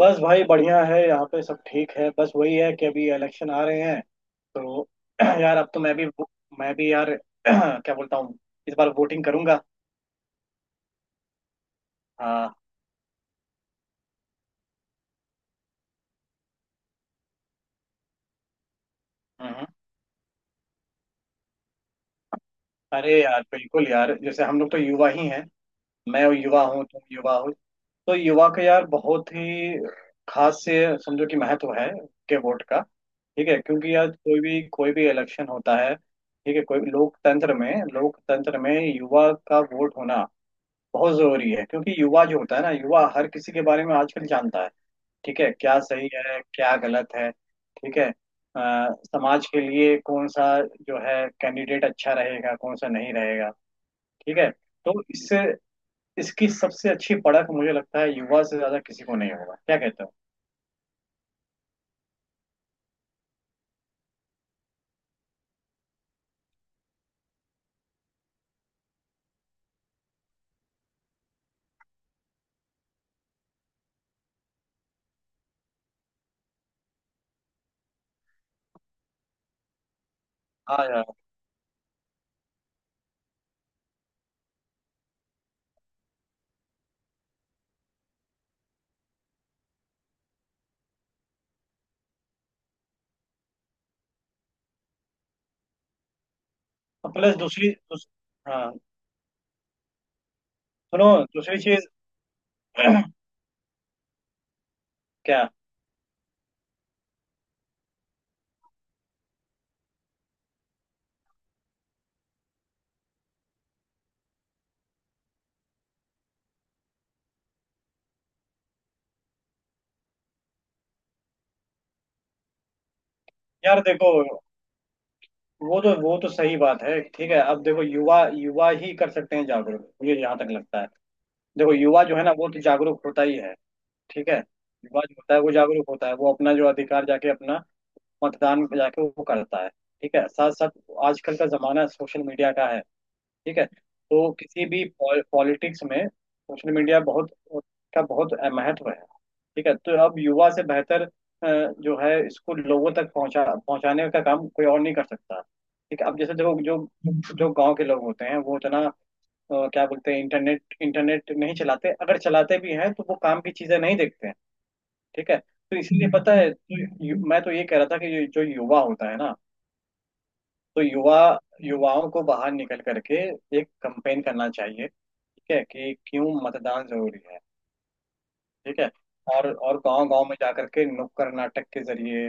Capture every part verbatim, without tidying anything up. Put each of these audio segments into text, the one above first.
बस भाई बढ़िया है। यहाँ पे सब ठीक है। बस वही है कि अभी इलेक्शन आ रहे हैं तो यार अब तो मैं भी मैं भी यार क्या बोलता हूँ, इस बार वोटिंग करूंगा। हाँ। हम्म। अरे यार बिल्कुल यार, जैसे हम लोग तो युवा ही हैं। मैं युवा हूँ, तुम युवा हो। तो युवा का यार बहुत ही खास से समझो कि महत्व है, के वोट का। ठीक है, क्योंकि यार कोई भी कोई भी इलेक्शन होता है। ठीक है, कोई भी लोकतंत्र में लोकतंत्र में युवा का वोट होना बहुत जरूरी है, क्योंकि युवा जो होता है ना, युवा हर किसी के बारे में आजकल जानता है। ठीक है, क्या सही है क्या गलत है, ठीक है। अ, समाज के लिए कौन सा जो है कैंडिडेट अच्छा रहेगा, कौन सा नहीं रहेगा। ठीक है, तो इससे इसकी सबसे अच्छी पड़क मुझे लगता है युवा से ज्यादा किसी को नहीं होगा, क्या कहते हो। हाँ यार। और प्लस दूसरी दूस, हाँ सुनो, दूसरी चीज। क्या? यार देखो, वो तो वो तो सही बात है। ठीक है, अब देखो युवा युवा ही कर सकते हैं जागरूक, मुझे यहाँ तक लगता है। देखो युवा जो है ना, वो तो जागरूक होता ही है। ठीक है। युवा जो होता है वो जागरूक होता है, वो अपना जो अधिकार जाके अपना मतदान में जाके वो करता है। ठीक है, साथ साथ आजकल का जमाना सोशल मीडिया का है। ठीक है, तो किसी भी पॉलिटिक्स में सोशल मीडिया बहुत का बहुत महत्व है। ठीक है, तो अब युवा से बेहतर अ, जो है इसको लोगों तक पहुंचा पहुंचाने का काम कोई और नहीं कर सकता। ठीक है, अब जैसे देखो जो जो गांव के लोग होते हैं वो उतना अ, क्या बोलते हैं, इंटरनेट इंटरनेट नहीं चलाते, अगर चलाते भी हैं तो वो काम की चीजें नहीं देखते हैं। ठीक है, तो इसलिए पता है तो यु, मैं तो ये कह रहा था कि ये जो युवा होता है ना, तो युवा युवाओं को बाहर निकल करके एक कंपेन करना चाहिए। ठीक है कि क्यों मतदान जरूरी है। ठीक है, और और गांव गांव में जाकर के नुक्कड़ नाटक के जरिए।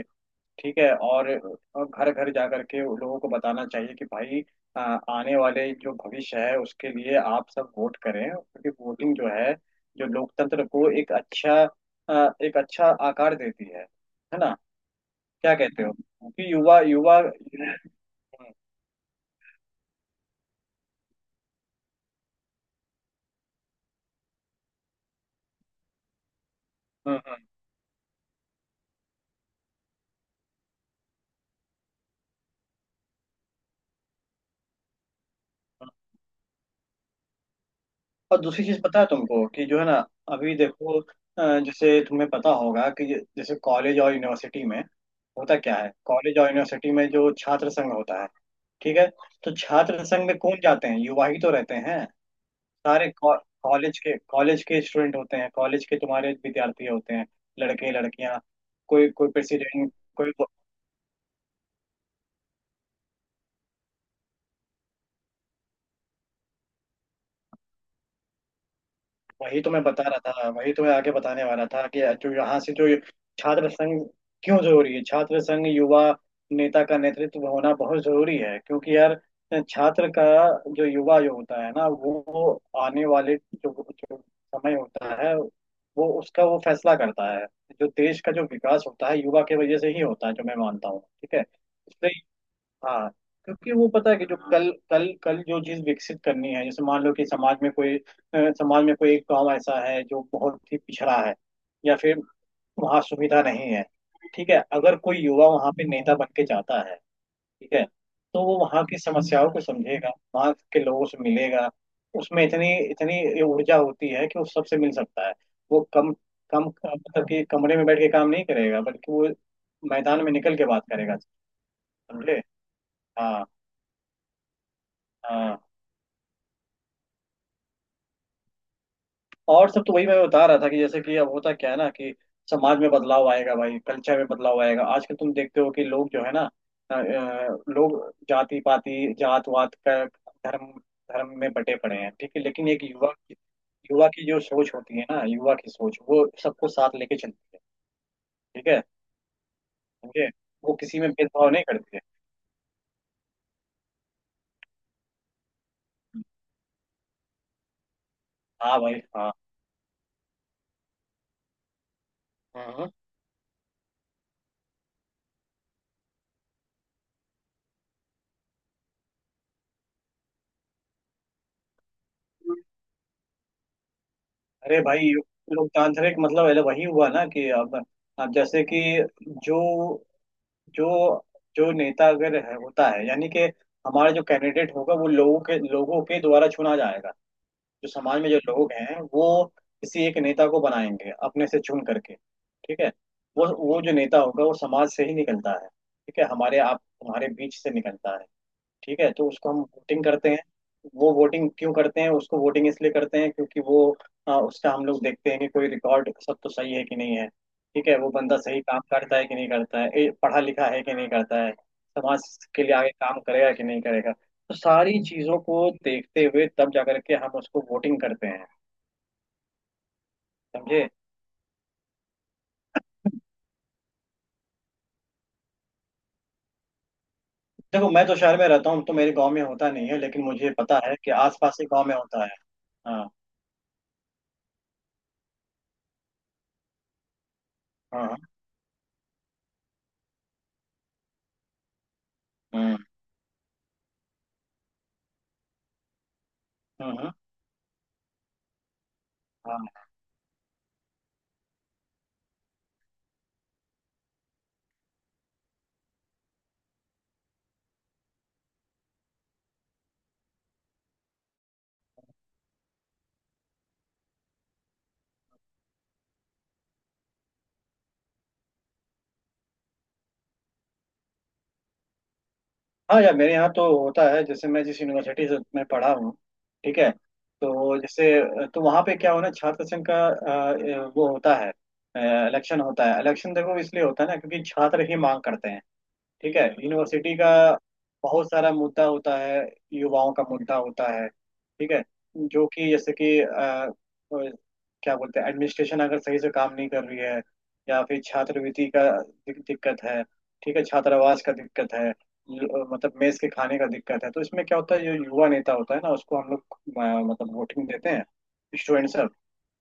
ठीक है, और और घर घर जा करके उन लोगों को बताना चाहिए कि भाई आ, आने वाले जो भविष्य है उसके लिए आप सब वोट करें, क्योंकि वोटिंग जो है जो लोकतंत्र को एक अच्छा आ, एक अच्छा आकार देती है है ना। क्या कहते हो, क्योंकि युवा युवा हम्म, हम्म, हम्म। और दूसरी चीज पता है तुमको कि जो है ना, अभी देखो अ, जैसे तुम्हें पता होगा कि जैसे कॉलेज और यूनिवर्सिटी में होता क्या है, कॉलेज और यूनिवर्सिटी में जो छात्र संघ होता है। ठीक है, तो छात्र संघ में कौन जाते हैं, युवा ही तो रहते हैं। सारे कॉलेज के कॉलेज के स्टूडेंट होते हैं, कॉलेज के तुम्हारे विद्यार्थी होते हैं, लड़के लड़कियां, कोई कोई प्रेसिडेंट कोई। वही तो मैं बता रहा था, वही तो मैं आगे बताने वाला था कि जो यहाँ से जो छात्र संघ, क्यों जरूरी है छात्र संघ, युवा नेता का नेतृत्व होना बहुत जरूरी है, क्योंकि यार छात्र का जो युवा जो होता है ना, वो आने वाले जो, जो समय होता है, वो उसका वो फैसला करता है। जो देश का जो विकास होता है युवा के वजह से ही होता है, जो मैं मानता हूँ। ठीक है, इसलिए हाँ, क्योंकि वो पता है कि जो कल कल कल जो चीज विकसित करनी है, जैसे मान लो कि समाज में कोई अ, समाज में कोई एक गांव ऐसा है जो बहुत ही पिछड़ा है, या फिर वहाँ सुविधा नहीं है। ठीक है, अगर कोई युवा वहाँ पे नेता बन के जाता है। ठीक है, तो वो वहाँ की समस्याओं को समझेगा, वहाँ के लोगों से मिलेगा। उसमें इतनी इतनी ऊर्जा होती है कि वो सबसे मिल सकता है। वो कम कम मतलब कि कमरे में बैठ के काम नहीं करेगा, बल्कि वो मैदान में निकल के बात करेगा। समझे। हाँ। हाँ, और सब तो वही मैं बता रहा था कि जैसे कि अब होता क्या है ना, कि समाज में बदलाव आएगा भाई, कल्चर में बदलाव आएगा। आजकल तुम देखते हो कि लोग जो है ना, अ, अ, लोग जाति पाति जात वात का धर्म धर्म में बटे पड़े हैं। ठीक है, लेकिन एक युवा की- युवा की जो सोच होती है ना, युवा की सोच वो सबको साथ लेके चलती है। ठीक है। समझे, वो किसी में भेदभाव नहीं करती है। हाँ भाई हाँ। हम्म। अरे भाई, लोकतांत्रिक मतलब है वही हुआ ना कि अब अब जैसे कि जो जो जो नेता अगर है, होता है, यानी कि हमारा जो कैंडिडेट होगा वो लोगों के लोगों के द्वारा चुना जाएगा। जो समाज में जो लोग हैं, वो किसी एक नेता को बनाएंगे अपने से चुन करके। ठीक है, वो वो जो नेता होगा वो समाज से ही निकलता है। ठीक है, हमारे आप हमारे बीच से निकलता है। ठीक है, तो उसको हम वोटिंग करते हैं। वो वोटिंग क्यों करते हैं, उसको वोटिंग इसलिए करते हैं क्योंकि वो अ, उसका हम लोग देखते हैं कि कोई रिकॉर्ड सब तो सही है कि नहीं है। ठीक है, वो बंदा सही काम करता है कि नहीं करता है, ए, पढ़ा लिखा है कि नहीं करता है, समाज के लिए आगे काम करेगा कि नहीं करेगा, तो सारी चीजों को देखते हुए तब जा करके हम उसको वोटिंग करते हैं। समझे। देखो मैं तो शहर में रहता हूँ, तो मेरे गांव में होता नहीं है, लेकिन मुझे पता है कि आसपास के गांव में होता है। हाँ हाँ हाँ। हम्म हम्म हम्म, हाँ हाँ यार मेरे यहाँ तो होता है। जैसे मैं जिस यूनिवर्सिटी से मैं पढ़ा हूँ, ठीक है, तो जैसे तो वहाँ पे क्या होना, छात्र संघ का अ, वो होता है, इलेक्शन होता है। इलेक्शन देखो इसलिए होता है ना, क्योंकि छात्र ही मांग करते हैं। ठीक है, यूनिवर्सिटी का बहुत सारा मुद्दा होता है, युवाओं का मुद्दा होता है। ठीक है, जो कि जैसे कि अ, अ, क्या बोलते हैं, एडमिनिस्ट्रेशन अगर सही से काम नहीं कर रही है, या फिर छात्रवृत्ति का दिक- दिक्कत है। ठीक है, छात्रावास का दिक्कत है, ल- मतलब मेस के खाने का दिक्कत है, तो इसमें क्या होता है, जो युवा नेता होता है ना, उसको हम लोग अ, मतलब वोटिंग देते हैं स्टूडेंट्स।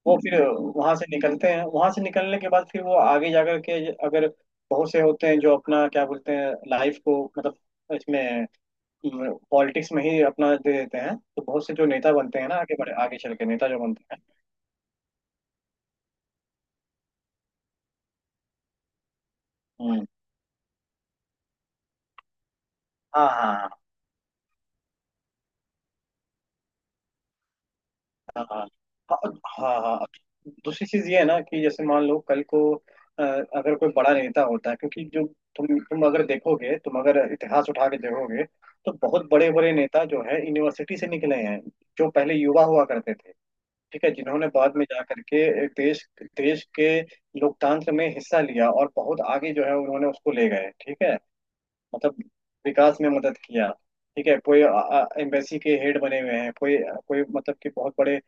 वो फिर वहां से निकलते हैं, वहां से निकलने के बाद फिर वो आगे जाकर के, अगर बहुत से होते हैं जो अपना क्या बोलते हैं लाइफ को मतलब इसमें पॉलिटिक्स में ही अपना दे देते हैं, तो बहुत से जो नेता बनते हैं ना, आगे बढ़े आगे चल के नेता जो बनते हैं। हम्म। हाँ हाँ हाँ। हाँ हाँ हाँ हाँ हाँ। दूसरी चीज ये है ना कि जैसे मान लो कल को अ, अगर कोई बड़ा नेता होता है, क्योंकि जो तुम तुम अगर देखोगे, तुम अगर इतिहास उठा के देखोगे, तो बहुत बड़े बड़े नेता जो है यूनिवर्सिटी से निकले हैं, जो पहले युवा हुआ करते थे। ठीक है, जिन्होंने बाद में जा करके देश देश के लोकतंत्र में हिस्सा लिया, और बहुत आगे जो है उन्होंने उसको ले गए। ठीक है, मतलब विकास में मदद किया। ठीक है, कोई एम्बेसी के हेड बने हुए हैं, कोई कोई मतलब कि बहुत बड़े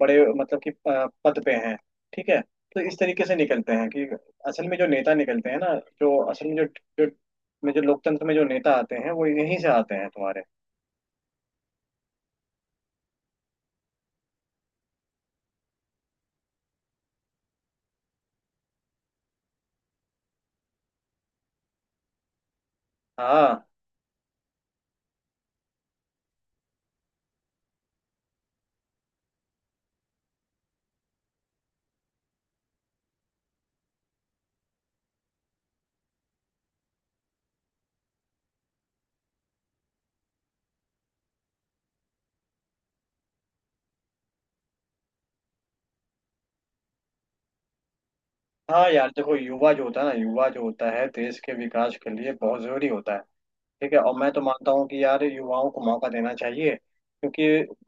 बड़े मतलब कि अ, पद पे हैं। ठीक है, तो इस तरीके से निकलते हैं कि असल में जो नेता निकलते हैं ना, जो असल में जो जो में जो लोकतंत्र में जो नेता आते हैं वो यहीं से आते हैं तुम्हारे। हाँ। हाँ यार देखो, युवा जो होता है ना, युवा जो होता है देश के विकास के लिए बहुत जरूरी होता है। ठीक है, और मैं तो मानता हूँ कि यार युवाओं को मौका देना चाहिए, क्योंकि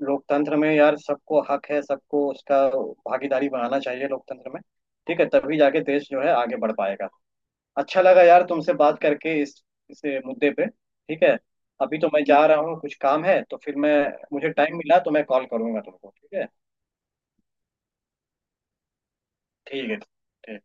लोकतंत्र में यार सबको हक है, सबको उसका भागीदारी बनाना चाहिए लोकतंत्र में। ठीक है, तभी जाके देश जो है आगे बढ़ पाएगा। अच्छा लगा यार तुमसे बात करके इस इस मुद्दे पे। ठीक है, अभी तो मैं जा रहा हूँ, कुछ काम है, तो फिर मैं, मुझे टाइम मिला तो मैं कॉल करूंगा तुमको। ठीक है, ठीक है, ठीक।